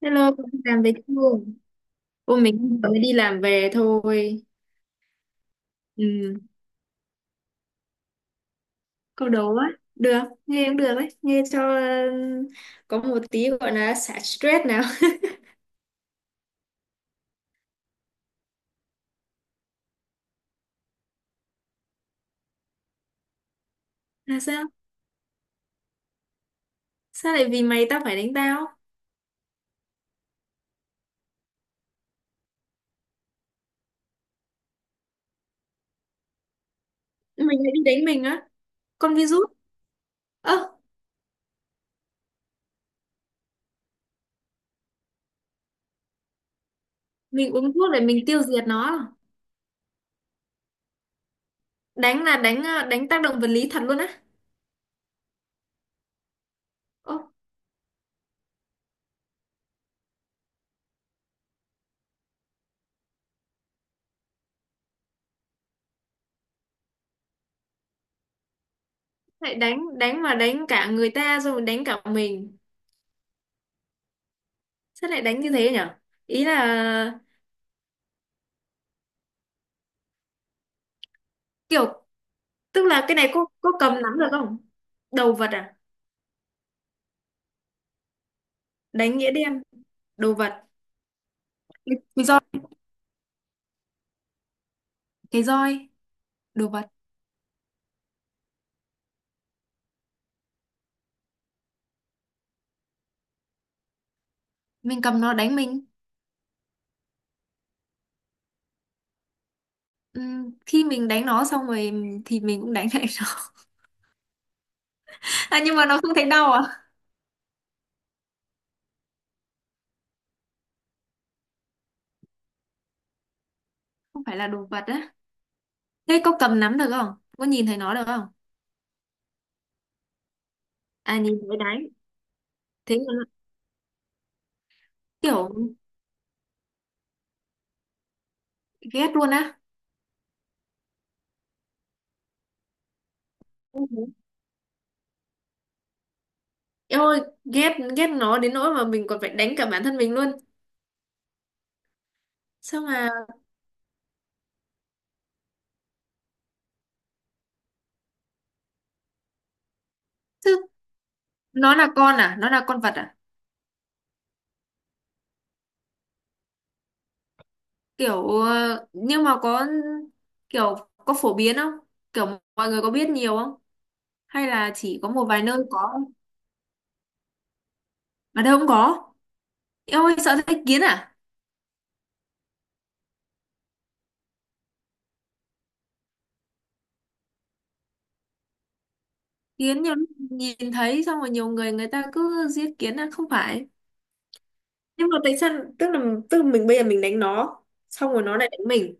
Hello, cô đi làm về chưa? Cô mình mới đi làm về thôi. Ừ, câu đố á. Được, nghe cũng được đấy. Nghe cho có một tí gọi là xả stress nào. Là sao? Sao lại vì mày tao phải đánh tao? Mình lại đi đánh mình á. Con virus. Ơ, mình uống thuốc để mình tiêu diệt nó. À? Đánh là đánh tác động vật lý thật luôn á. Ô, lại đánh đánh mà đánh cả người ta rồi đánh cả mình. Sao lại đánh như thế nhở? Ý là kiểu, tức là cái này có cầm nắm được không? Đồ vật à? Đánh nghĩa đen. Đồ vật. Cái, roi. Cái roi. Đồ vật. Mình cầm nó đánh mình. Khi mình đánh nó xong rồi thì mình cũng đánh lại nó. À nhưng mà nó không thấy đau à? Không phải là đồ vật á. Thế có cầm nắm được không? Có nhìn thấy nó được không? À nhìn thấy đánh. Thế mà nó kiểu ghét luôn á. Ừ. Em ơi, ghét ghét nó đến nỗi mà mình còn phải đánh cả bản thân mình luôn. Sao mà chứ, nó là con à? Nó là con vật à? Kiểu nhưng mà có kiểu, có phổ biến không, kiểu mọi người có biết nhiều không, hay là chỉ có một vài nơi có, ở đâu không có. Em ơi sợ thấy kiến à? Kiến nhiều lúc nhìn thấy xong rồi nhiều người người ta cứ giết kiến, à không phải. Nhưng mà tại sao, tức là, tức là mình bây giờ mình đánh nó xong rồi nó lại đánh mình.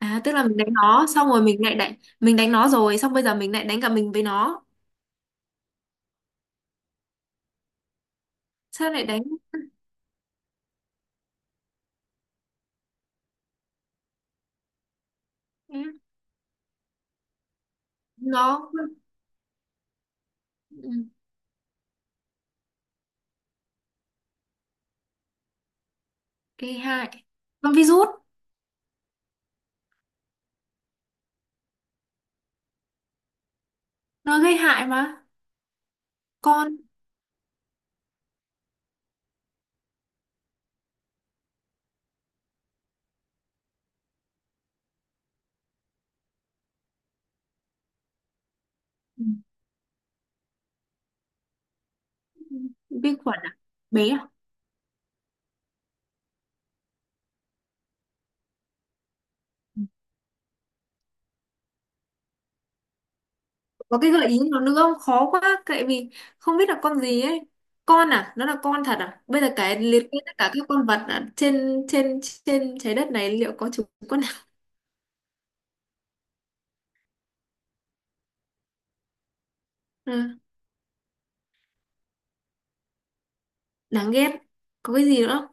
À tức là mình đánh nó xong rồi mình lại đánh, mình đánh nó rồi xong bây giờ mình lại đánh cả mình với nó. Sao lại đánh nó? Ừ, gây hại. Nó virus, nó gây hại mà. Con, ừ, vi khuẩn à, bé à. Ừ. Có cái gợi ý nào nữa không, khó quá tại vì không biết là con gì ấy. Con à, nó là con thật à, bây giờ cái liệt kê tất cả các con vật à? Trên trên trên trái đất này liệu có chúng con nào. À, đáng ghét. Có cái gì nữa không?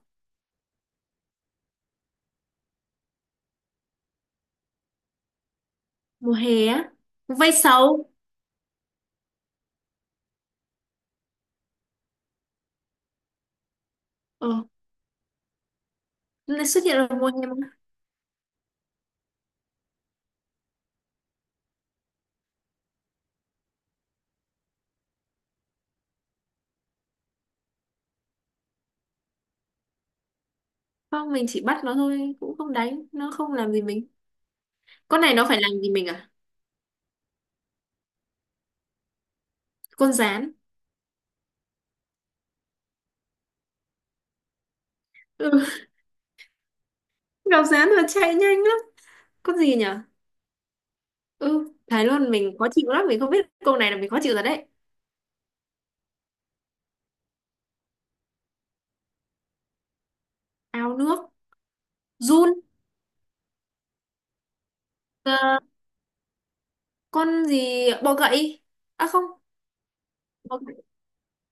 Mùa hè á. Vây sầu. Ờ, nó lại xuất hiện ở mùa hè mà. Không mình chỉ bắt nó thôi, cũng không đánh nó, không làm gì mình. Con này nó phải làm gì mình à? Con gián. Ừ. Gặp gián là chạy nhanh lắm. Con gì nhỉ? Ừ, thấy luôn mình khó chịu lắm, mình không biết câu này là mình khó chịu rồi đấy. Ao nước, giun, ờ, con gì bọ gậy? À không, bọ gậy.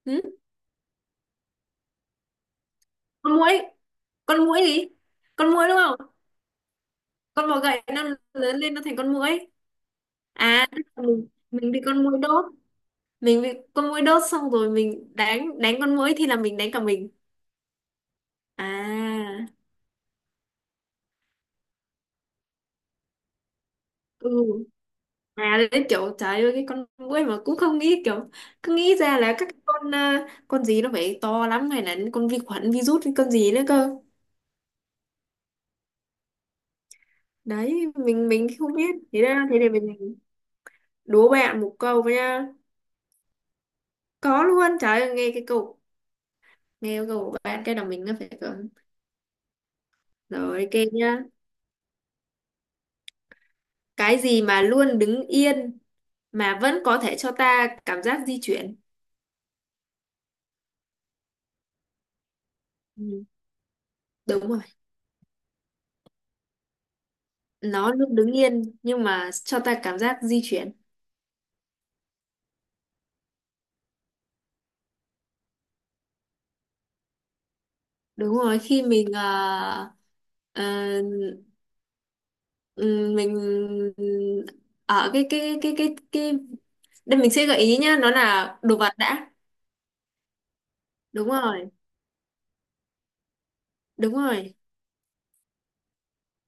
Ừ? Con muỗi, con muỗi gì? Con muỗi đúng không? Con bọ gậy nó lớn lên nó thành con muỗi. À, tức là mình bị con muỗi đốt, mình bị con muỗi đốt xong rồi mình đánh đánh con muỗi thì là mình đánh cả mình. À, ừ. À đấy kiểu trời ơi cái con muỗi mà cũng không nghĩ, kiểu cứ nghĩ ra là các con, con gì nó phải to lắm hay là con vi khuẩn virus hay con gì nữa cơ. Đấy mình không biết. Thế ra thế, để mình đố bạn một câu với nha. Có luôn, trời ơi nghe cái câu, nghe cái câu của bạn cái đầu mình nó phải kiểu. Rồi kê nhá, cái gì mà luôn đứng yên mà vẫn có thể cho ta cảm giác di chuyển. Ừ, đúng rồi, nó luôn đứng yên nhưng mà cho ta cảm giác di chuyển. Đúng rồi. Khi mình ờ, Ờ, mình ở cái đây mình sẽ gợi ý nhá, nó là đồ vật đã. Đúng rồi. Đúng rồi.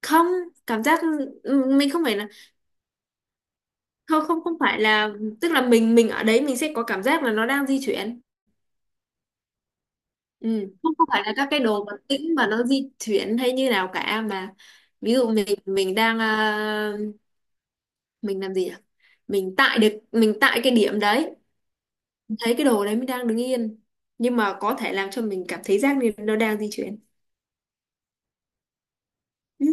Không, cảm giác, mình không phải là, không không không phải là, tức là mình ở đấy mình sẽ có cảm giác là nó đang di chuyển. Ừ. Không không phải là các cái đồ vật tĩnh mà nó di chuyển hay như nào cả mà ví dụ mình đang mình làm gì nhỉ? Mình tại được mình tại cái điểm đấy thấy cái đồ đấy mới đang đứng yên nhưng mà có thể làm cho mình cảm thấy giác nên nó đang di chuyển. Ừ,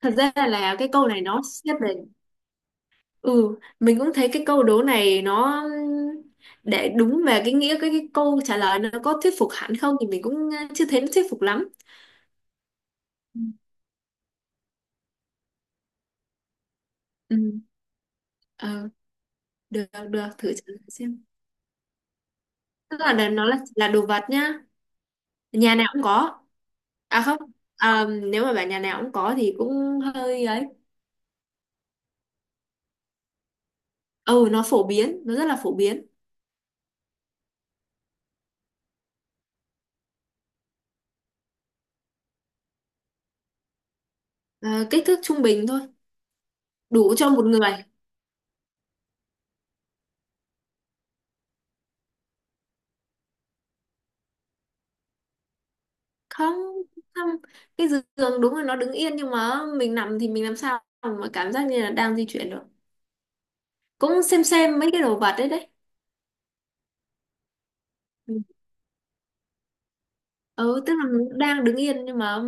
thật ra là cái câu này nó xét về, ừ mình cũng thấy cái câu đố này nó để đúng về cái nghĩa cái câu trả lời nó có thuyết phục hẳn không thì mình cũng chưa thấy nó thuyết phục lắm. Ừ, ừ, ờ, được. Được thử trả lời xem, tức là đ- nó là đồ vật nhá, nhà nào cũng có. À không, à, nếu mà bảo nhà nào cũng có thì cũng hơi ấy. Ừ nó phổ biến, nó rất là phổ biến. Ờ, kích thước trung bình thôi, đủ cho một người. Không. Không, cái giường đúng là nó đứng yên nhưng mà mình nằm thì mình làm sao mà cảm giác như là đang di chuyển được. Cũng xem mấy cái đồ vật đấy đấy. Ừ. Ừ, tức là nó đang đứng yên nhưng mà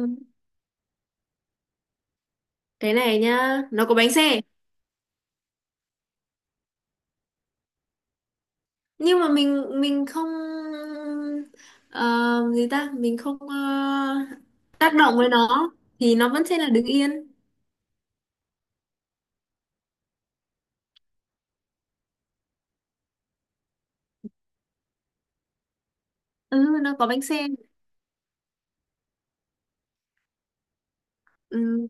cái này nhá, nó có bánh xe. Nhưng mà mình không, ờ, gì ta mình không tác động với nó thì nó vẫn sẽ là đứng yên. Ừ nó có bánh xe. Ừ.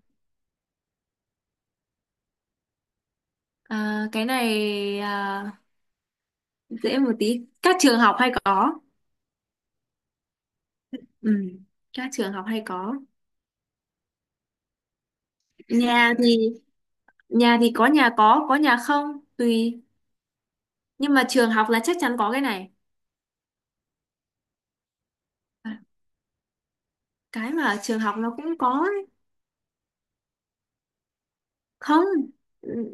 À, cái này, à, dễ một tí, các trường học hay có. Ừ. Các trường học hay có. Nhà thì, nhà thì có, nhà có nhà không, tùy. Nhưng mà trường học là chắc chắn có cái này. À, cái mà ở trường học nó cũng có ấy. Không,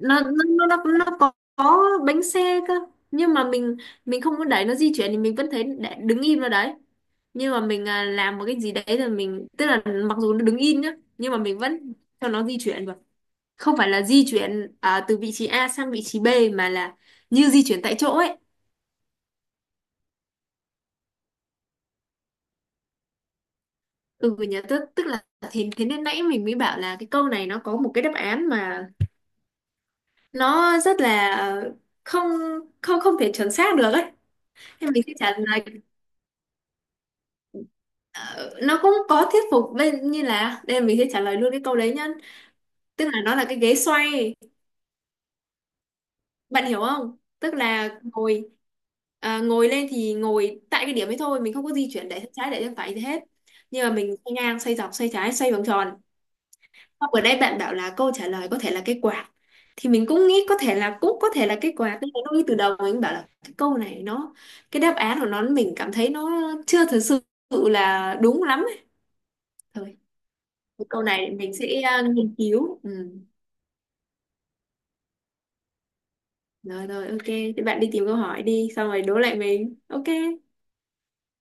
nó có bánh xe cơ nhưng mà mình không có đẩy nó di chuyển thì mình vẫn thấy để- đứng im ở đấy. Nhưng mà mình làm một cái gì đấy là mình tức là mặc dù nó đứng im nhá nhưng mà mình vẫn cho nó di chuyển được. Không phải là di chuyển từ vị trí A sang vị trí B mà là như di chuyển tại chỗ ấy. Ừ nhớ, tức tức là thế, thế nên nãy mình mới bảo là cái câu này nó có một cái đáp án mà nó rất là không, không thể chuẩn xác được ấy nên mình sẽ trả lời. Ờ, nó cũng có thuyết phục bên như là đây mình sẽ trả lời luôn cái câu đấy nhá, tức là nó là cái ghế xoay. Bạn hiểu không, tức là ngồi, à, ngồi lên thì ngồi tại cái điểm ấy thôi, mình không có di chuyển để sang trái để sang phải gì hết nhưng mà mình xoay ngang xoay dọc xoay trái xoay vòng tròn. Xong ở đây bạn bảo là câu trả lời có thể là cái quạt thì mình cũng nghĩ có thể là, cũng có thể là cái quạt nên nó ngay từ đầu mình bảo là cái câu này nó, cái đáp án của nó mình cảm thấy nó chưa thực sự là đúng lắm ấy. Thôi cái câu này mình sẽ nghiên cứu. Ừ. Rồi rồi ok thì bạn đi tìm câu hỏi đi xong rồi đố lại mình ok.